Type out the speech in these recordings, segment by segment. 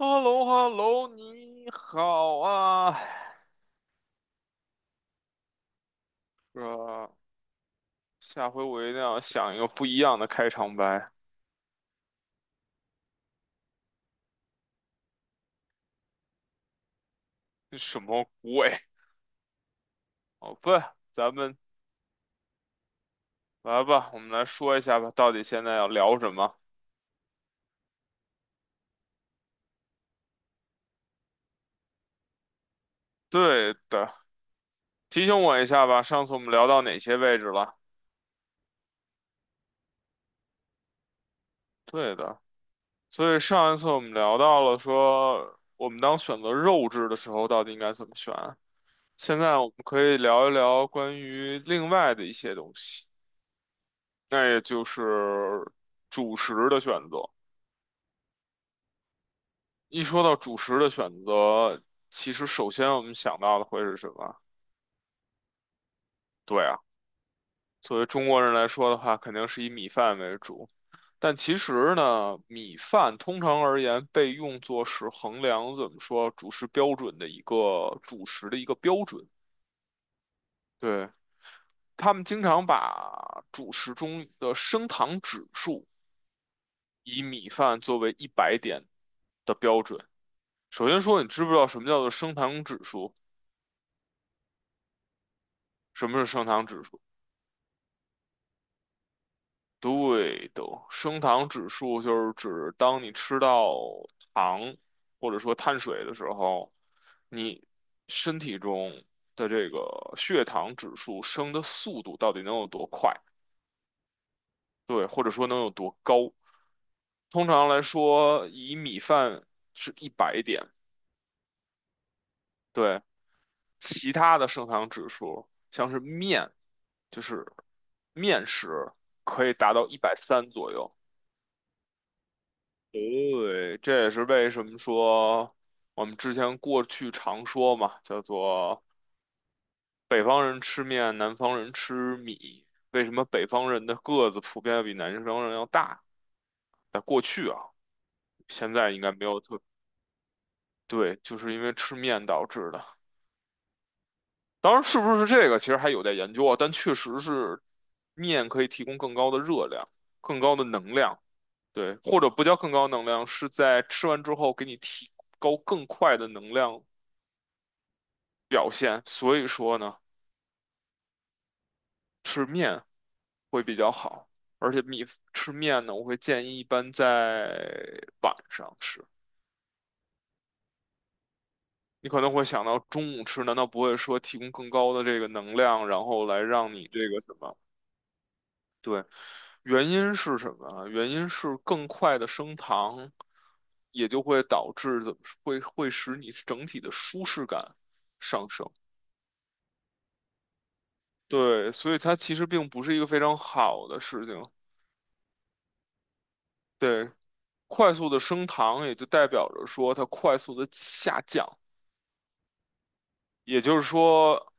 h e l l o h e l l o 你好啊！呃，下回我一定要想一个不一样的开场白。这什么鬼？好吧，来吧，我们来说一下吧，到底现在要聊什么？对的，提醒我一下吧，上次我们聊到哪些位置了？对的，所以上一次我们聊到了说，我们当选择肉质的时候，到底应该怎么选啊？现在我们可以聊一聊关于另外的一些东西。那也就是主食的选择。一说到主食的选择，其实首先我们想到的会是什么？对啊，作为中国人来说的话，肯定是以米饭为主。但其实呢，米饭通常而言被用作是衡量怎么说主食标准的一个主食的一个标准。对，他们经常把主食中的升糖指数以米饭作为一百点的标准。首先说，你知不知道什么叫做升糖指数？什么是升糖指数？对的，升糖指数就是指当你吃到糖或者说碳水的时候，你身体中的这个血糖指数升的速度到底能有多快？对，或者说能有多高？通常来说，以米饭是一百点，对，其他的升糖指数，像是面，就是面食可以达到130左右。对，这也是为什么说我们之前过去常说嘛，叫做北方人吃面，南方人吃米。为什么北方人的个子普遍要比南方人要大？在过去啊，现在应该没有特，对，就是因为吃面导致的。当然，是不是这个其实还有待研究啊，但确实是面可以提供更高的热量、更高的能量，对，或者不叫更高能量，是在吃完之后给你提高更快的能量表现。所以说呢，吃面会比较好，而且吃面呢，我会建议一般在晚上吃。你可能会想到中午吃，难道不会说提供更高的这个能量，然后来让你这个什么？对，原因是什么啊？原因是更快的升糖，也就会导致怎么说会使你整体的舒适感上升。对，所以它其实并不是一个非常好的事情。对，快速的升糖也就代表着说它快速的下降，也就是说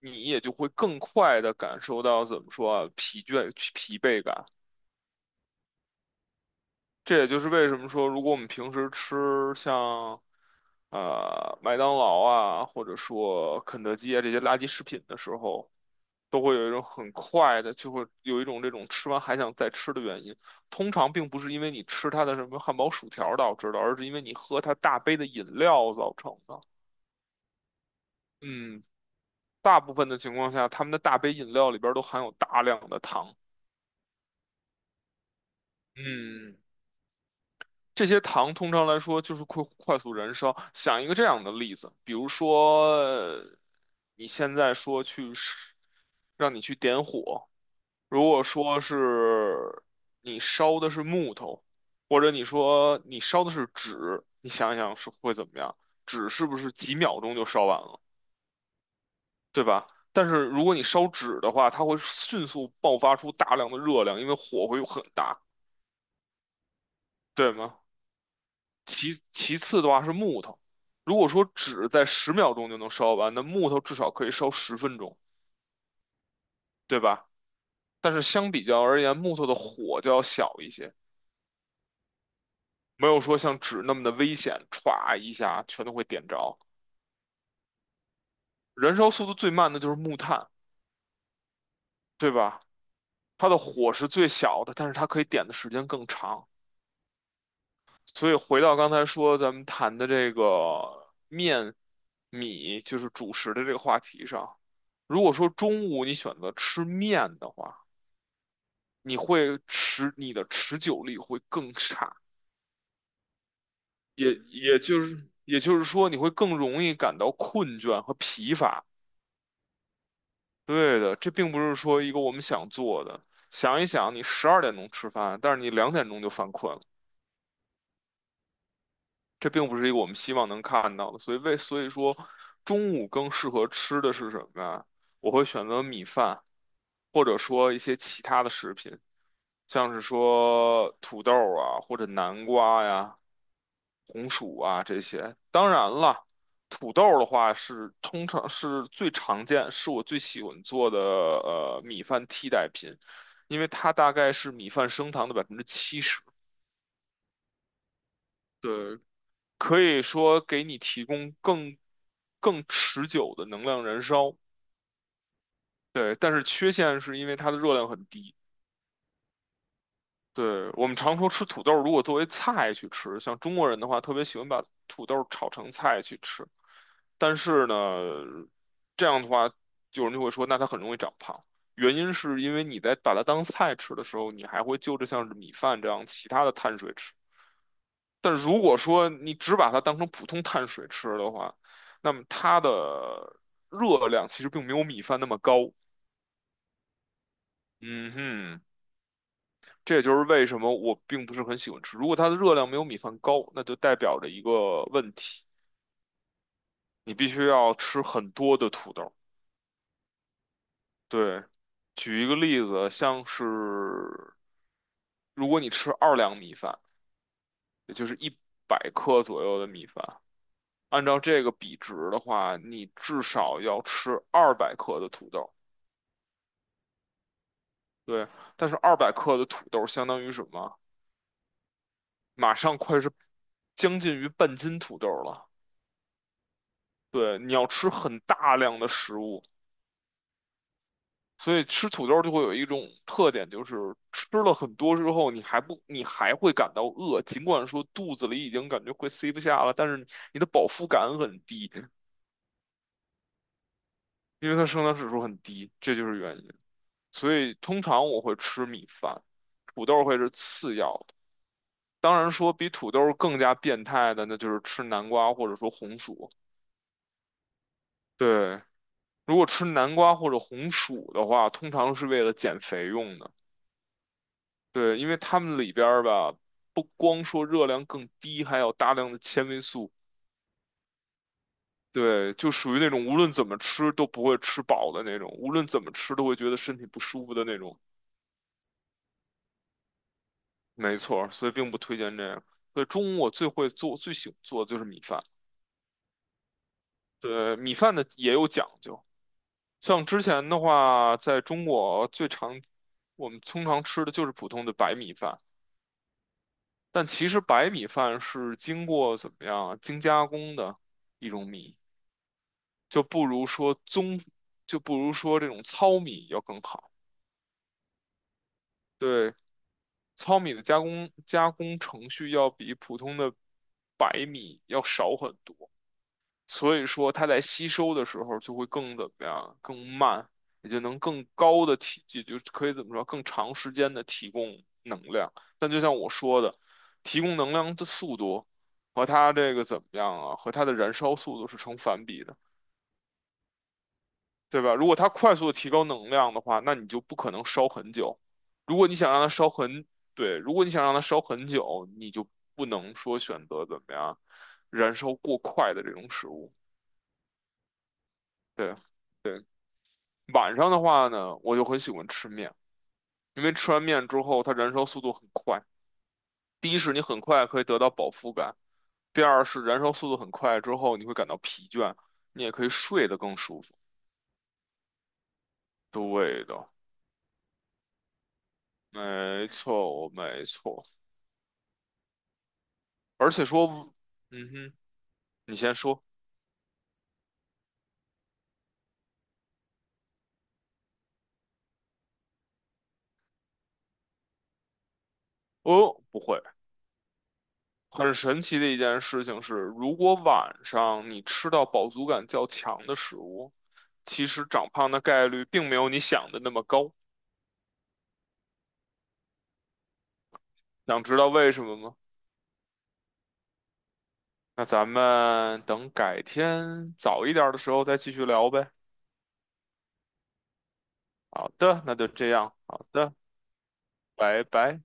你也就会更快的感受到怎么说啊疲倦疲惫感。这也就是为什么说，如果我们平时吃像麦当劳啊，或者说肯德基啊这些垃圾食品的时候，都会有一种很快的，就会有一种这种吃完还想再吃的原因。通常并不是因为你吃它的什么汉堡、薯条导致的，而是因为你喝它大杯的饮料造成的。嗯，大部分的情况下，他们的大杯饮料里边儿都含有大量的糖。嗯。这些糖通常来说就是快速燃烧。想一个这样的例子，比如说你现在说去是让你去点火，如果说是你烧的是木头，或者你说你烧的是纸，你想一想是会怎么样？纸是不是几秒钟就烧完了，对吧？但是如果你烧纸的话，它会迅速爆发出大量的热量，因为火会很大，对吗？其次的话是木头，如果说纸在10秒钟就能烧完，那木头至少可以烧10分钟，对吧？但是相比较而言，木头的火就要小一些，没有说像纸那么的危险，歘一下全都会点着。燃烧速度最慢的就是木炭，对吧？它的火是最小的，但是它可以点的时间更长。所以回到刚才说咱们谈的这个面米，就是主食的这个话题上，如果说中午你选择吃面的话，你的持久力会更差，也也就是也就是说你会更容易感到困倦和疲乏。对的，这并不是说一个我们想做的。想一想，你12点钟吃饭，但是你2点钟就犯困了。这并不是一个我们希望能看到的，所以说，中午更适合吃的是什么呀？我会选择米饭，或者说一些其他的食品，像是说土豆啊，或者南瓜呀、红薯啊这些。当然了，土豆的话是通常是最常见，是我最喜欢做的米饭替代品，因为它大概是米饭升糖的70%。对，可以说给你提供更持久的能量燃烧。对，但是缺陷是因为它的热量很低。对，我们常说吃土豆，如果作为菜去吃，像中国人的话，特别喜欢把土豆炒成菜去吃。但是呢，这样的话，有人就会说，那它很容易长胖。原因是因为你在把它当菜吃的时候，你还会就着像是米饭这样其他的碳水吃。但如果说你只把它当成普通碳水吃的话，那么它的热量其实并没有米饭那么高。嗯哼，这也就是为什么我并不是很喜欢吃。如果它的热量没有米饭高，那就代表着一个问题，你必须要吃很多的土豆。对，举一个例子，像是如果你吃2两米饭，也就是100克左右的米饭，按照这个比值的话，你至少要吃二百克的土豆。对，但是二百克的土豆相当于什么？马上快是将近于半斤土豆了。对，你要吃很大量的食物，所以吃土豆就会有一种特点，就是吃了很多之后，你还不，你还会感到饿，尽管说肚子里已经感觉快塞不下了，但是你的饱腹感很低，因为它升糖指数很低，这就是原因。所以通常我会吃米饭，土豆会是次要的。当然说比土豆更加变态的，那就是吃南瓜或者说红薯。对，如果吃南瓜或者红薯的话，通常是为了减肥用的。对，因为它们里边儿吧，不光说热量更低，还有大量的纤维素。对，就属于那种无论怎么吃都不会吃饱的那种，无论怎么吃都会觉得身体不舒服的那种。没错儿，所以并不推荐这样。所以中午我最会做、最喜欢做的就是米饭。对，米饭的也有讲究。像之前的话，在中国最常我们通常吃的就是普通的白米饭，但其实白米饭是经过怎么样啊精加工的一种米，就不如说棕，就不如说这种糙米要更好。对，糙米的加工程序要比普通的白米要少很多。所以说它在吸收的时候就会更怎么样，更慢，也就能更高的提，也就可以怎么说，更长时间的提供能量。但就像我说的，提供能量的速度和它这个怎么样啊，和它的燃烧速度是成反比的，对吧？如果它快速的提高能量的话，那你就不可能烧很久。如果你想让它烧很，对，如果你想让它烧很久，你就不能说选择怎么样燃烧过快的这种食物。对。晚上的话呢，我就很喜欢吃面，因为吃完面之后，它燃烧速度很快。第一是你很快可以得到饱腹感，第二是燃烧速度很快之后，你会感到疲倦，你也可以睡得更舒服。对的，没错，没错。而且说，嗯哼，你先说。哦，不会。很神奇的一件事情是，如果晚上你吃到饱足感较强的食物，其实长胖的概率并没有你想的那么高。想知道为什么吗？那咱们等改天早一点儿的时候再继续聊呗。好的，那就这样。好的，拜拜。